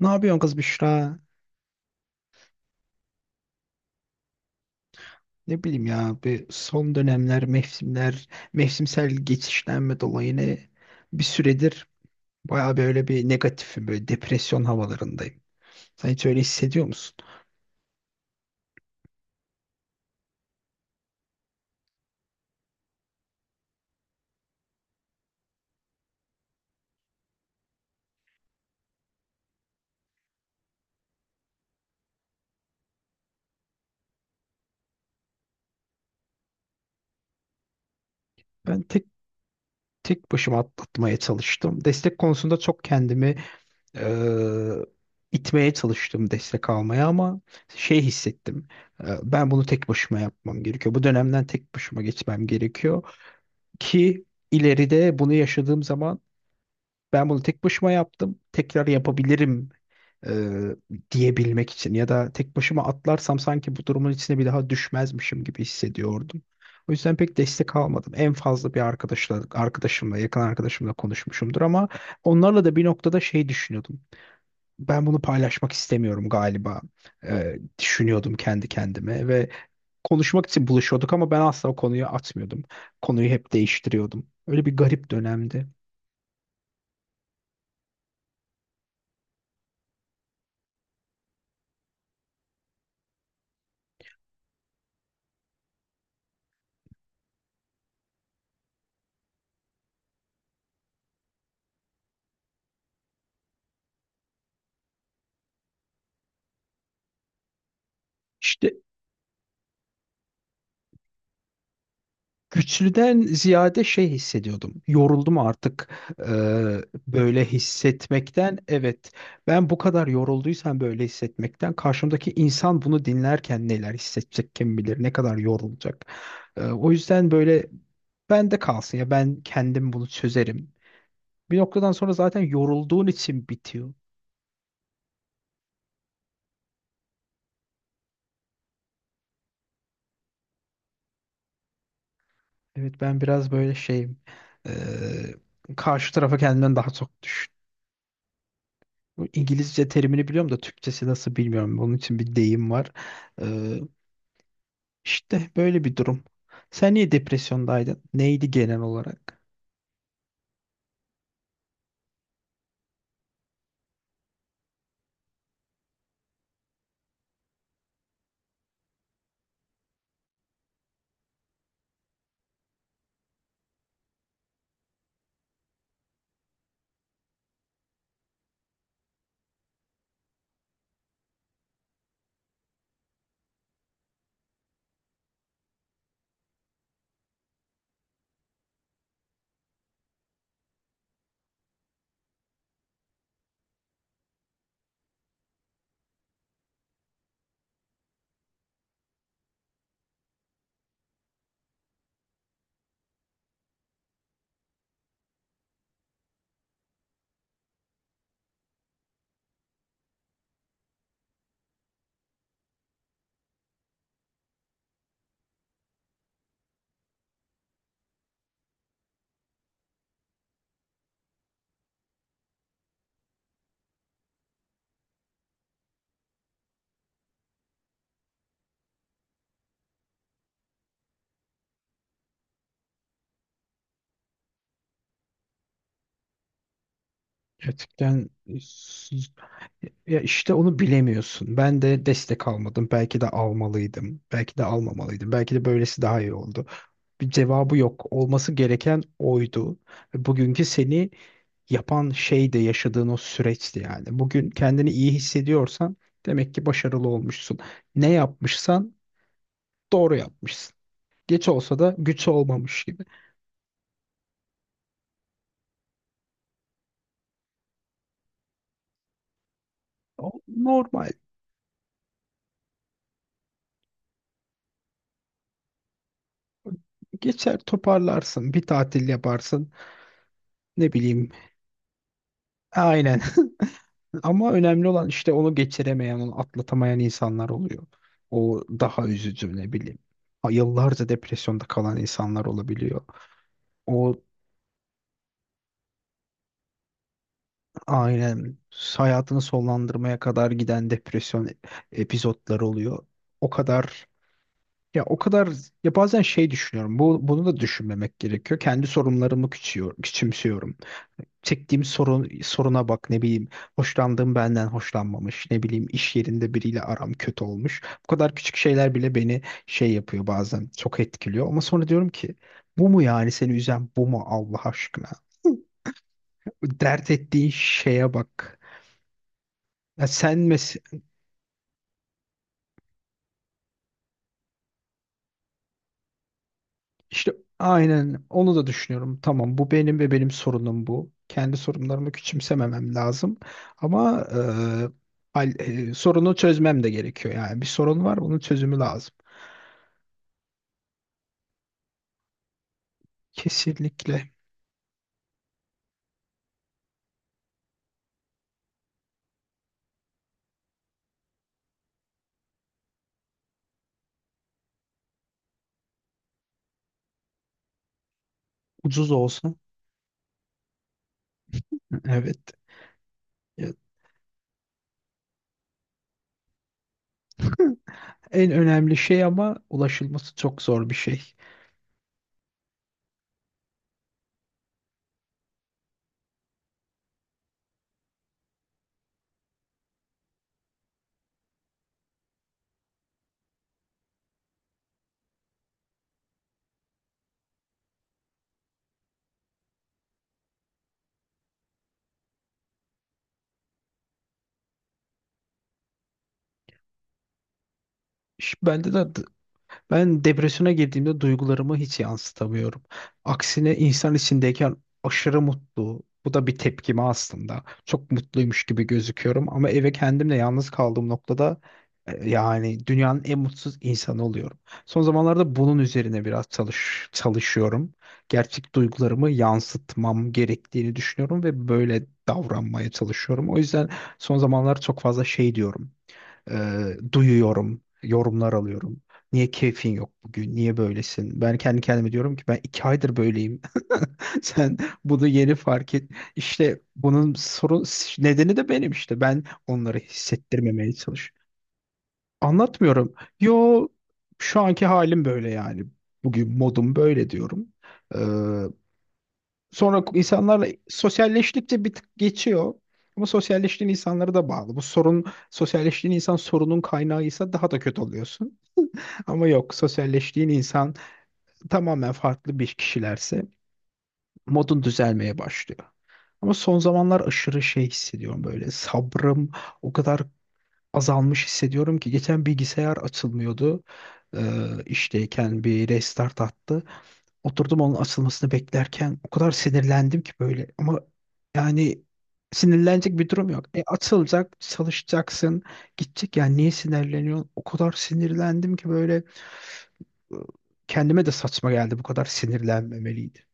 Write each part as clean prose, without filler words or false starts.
Ne yapıyorsun kız Büşra? Ne bileyim ya bir son dönemler, mevsimler, mevsimsel geçişlenme dolayı bir süredir baya böyle bir negatifim, böyle depresyon havalarındayım. Sen hiç öyle hissediyor musun? Ben tek başıma atlatmaya çalıştım. Destek konusunda çok kendimi eee, itmeye çalıştım destek almaya ama şey hissettim. Ben bunu tek başıma yapmam gerekiyor. Bu dönemden tek başıma geçmem gerekiyor ki ileride bunu yaşadığım zaman ben bunu tek başıma yaptım. Tekrar yapabilirim e, diyebilmek için ya da tek başıma atlarsam sanki bu durumun içine bir daha düşmezmişim gibi hissediyordum. O yüzden pek destek almadım. En fazla bir arkadaşla, arkadaşımla, yakın arkadaşımla konuşmuşumdur ama onlarla da bir noktada şey düşünüyordum. Ben bunu paylaşmak istemiyorum galiba. Düşünüyordum kendi kendime ve konuşmak için buluşuyorduk ama ben asla o konuyu atmıyordum. Konuyu hep değiştiriyordum. Öyle bir garip dönemdi. İşte güçlüden ziyade şey hissediyordum. Yoruldum artık, eee, böyle hissetmekten. Evet, ben bu kadar yorulduysam böyle hissetmekten, karşımdaki insan bunu dinlerken neler hissedecek kim bilir, ne kadar yorulacak. O yüzden böyle, ben de kalsın ya, ben kendim bunu çözerim. Bir noktadan sonra zaten yorulduğun için bitiyor. Evet, ben biraz böyle şeyim. Eee, Karşı tarafa kendimden daha çok. Bu İngilizce terimini biliyorum da Türkçesi nasıl bilmiyorum. Onun için bir deyim var. Ee, işte böyle bir durum. Sen niye depresyondaydın? Neydi genel olarak? Gerçekten s- ya işte onu bilemiyorsun. Ben de destek almadım. Belki de almalıydım. Belki de almamalıydım. Belki de böylesi daha iyi oldu. Bir cevabı yok. Olması gereken oydu. Bugünkü seni yapan şey de yaşadığın o süreçti yani. Bugün kendini iyi hissediyorsan demek ki başarılı olmuşsun. Ne yapmışsan doğru yapmışsın. Geç olsa da güç olmamış gibi. O normal. Geçer, toparlarsın, bir tatil yaparsın, ne bileyim. Aynen. Ama önemli olan işte onu geçiremeyen, onu atlatamayan insanlar oluyor. O daha üzücü, ne bileyim. Ay, yıllarca depresyonda kalan insanlar olabiliyor. O, aynen, hayatını sonlandırmaya kadar giden depresyon epizotları oluyor. O kadar o kadar ya, bazen şey düşünüyorum. Bu, bunu da düşünmemek gerekiyor. Kendi sorunlarımı küçüyor, küçümsüyorum. Çektiğim sorun, soruna bak, ne bileyim. Hoşlandığım benden hoşlanmamış. Ne bileyim, iş yerinde biriyle aram kötü olmuş. Bu kadar küçük şeyler bile beni şey yapıyor, bazen çok etkiliyor. Ama sonra diyorum ki, bu mu yani seni üzen, bu mu Allah aşkına? Dert ettiğin şeye bak. Ya sen mes İşte aynen onu da düşünüyorum. Tamam, bu benim ve benim sorunum bu. Kendi sorunlarımı küçümsememem lazım. Ama sorunu çözmem de gerekiyor. Yani bir sorun var, bunun çözümü lazım. Kesinlikle. Ucuz olsun. Evet. Ya, en önemli şey ama ulaşılması çok zor bir şey. Bende de ben depresyona girdiğimde duygularımı hiç yansıtamıyorum. Aksine insan içindeyken aşırı mutlu. Bu da bir tepkime aslında. Çok mutluymuş gibi gözüküyorum ama eve kendimle yalnız kaldığım noktada yani dünyanın en mutsuz insanı oluyorum. Son zamanlarda bunun üzerine biraz çalışıyorum. Gerçek duygularımı yansıtmam gerektiğini düşünüyorum ve böyle davranmaya çalışıyorum. O yüzden son zamanlar çok fazla şey diyorum. Duyuyorum, yorumlar alıyorum. Niye keyfin yok bugün? Niye böylesin? Ben kendi kendime diyorum ki ben 2 aydır böyleyim. Sen bunu yeni fark et. İşte bunun sorun nedeni de benim işte. Ben onları hissettirmemeye çalış. Anlatmıyorum. Yo, şu anki halim böyle yani. Bugün modum böyle diyorum. Sonra insanlarla sosyalleştikçe bir tık geçiyor. Ama sosyalleştiğin insanlara da bağlı. Bu sorun, sosyalleştiğin insan sorunun kaynağıysa daha da kötü oluyorsun. Ama yok, sosyalleştiğin insan tamamen farklı bir kişilerse modun düzelmeye başlıyor. Ama son zamanlar aşırı şey hissediyorum, böyle sabrım o kadar azalmış hissediyorum ki geçen bilgisayar açılmıyordu. Ee, işteyken bir restart attı. Oturdum onun açılmasını beklerken o kadar sinirlendim ki böyle, ama yani sinirlenecek bir durum yok. E, açılacak, çalışacaksın, gidecek, yani niye sinirleniyorsun? O kadar sinirlendim ki böyle, e, kendime de saçma geldi, bu kadar sinirlenmemeliydi.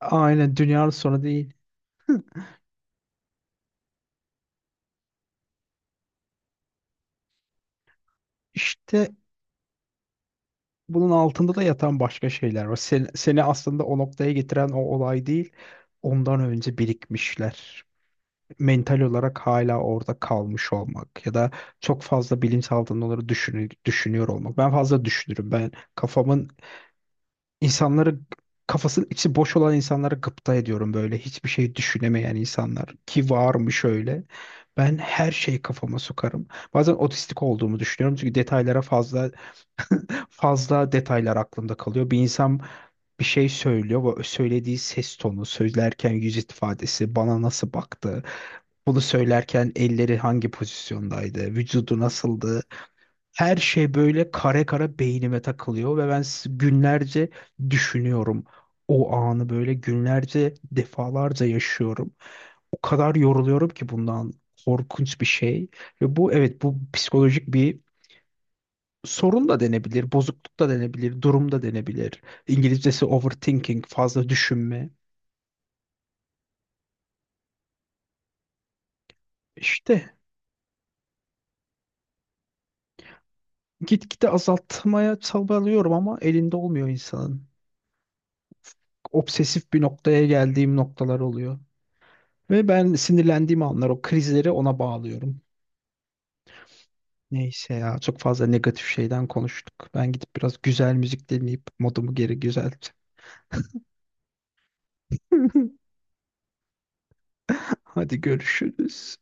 Aynen, dünyanın sonu değil. İşte bunun altında da yatan başka şeyler var. Seni aslında o noktaya getiren o olay değil, ondan önce birikmişler. Mental olarak hala orada kalmış olmak ya da çok fazla bilinçaltında onları düşünüyor olmak. Ben fazla düşünürüm. Ben kafamın insanları kafasının içi boş olan insanlara gıpta ediyorum böyle. Hiçbir şey düşünemeyen insanlar ki varmış öyle. Ben her şeyi kafama sokarım. Bazen otistik olduğumu düşünüyorum çünkü detaylara fazla detaylar aklımda kalıyor. Bir insan bir şey söylüyor ve söylediği ses tonu, söylerken yüz ifadesi, bana nasıl baktı, bunu söylerken elleri hangi pozisyondaydı, vücudu nasıldı. Her şey böyle kare kare beynime takılıyor ve günlerce düşünüyorum. O anı böyle günlerce, defalarca yaşıyorum. O kadar yoruluyorum ki bundan, korkunç bir şey. Ve bu, evet, bu psikolojik bir sorun da denebilir, bozukluk da denebilir, durum da denebilir. İngilizcesi overthinking, fazla düşünme. İşte gitgide azaltmaya çabalıyorum ama elinde olmuyor insanın. Obsesif bir noktaya geldiğim noktalar oluyor. Ve ben sinirlendiğim anlar o krizleri ona bağlıyorum. Neyse ya, çok fazla negatif şeyden konuştuk. Ben gidip biraz güzel müzik dinleyip modumu geri güzelteceğim. Hadi görüşürüz.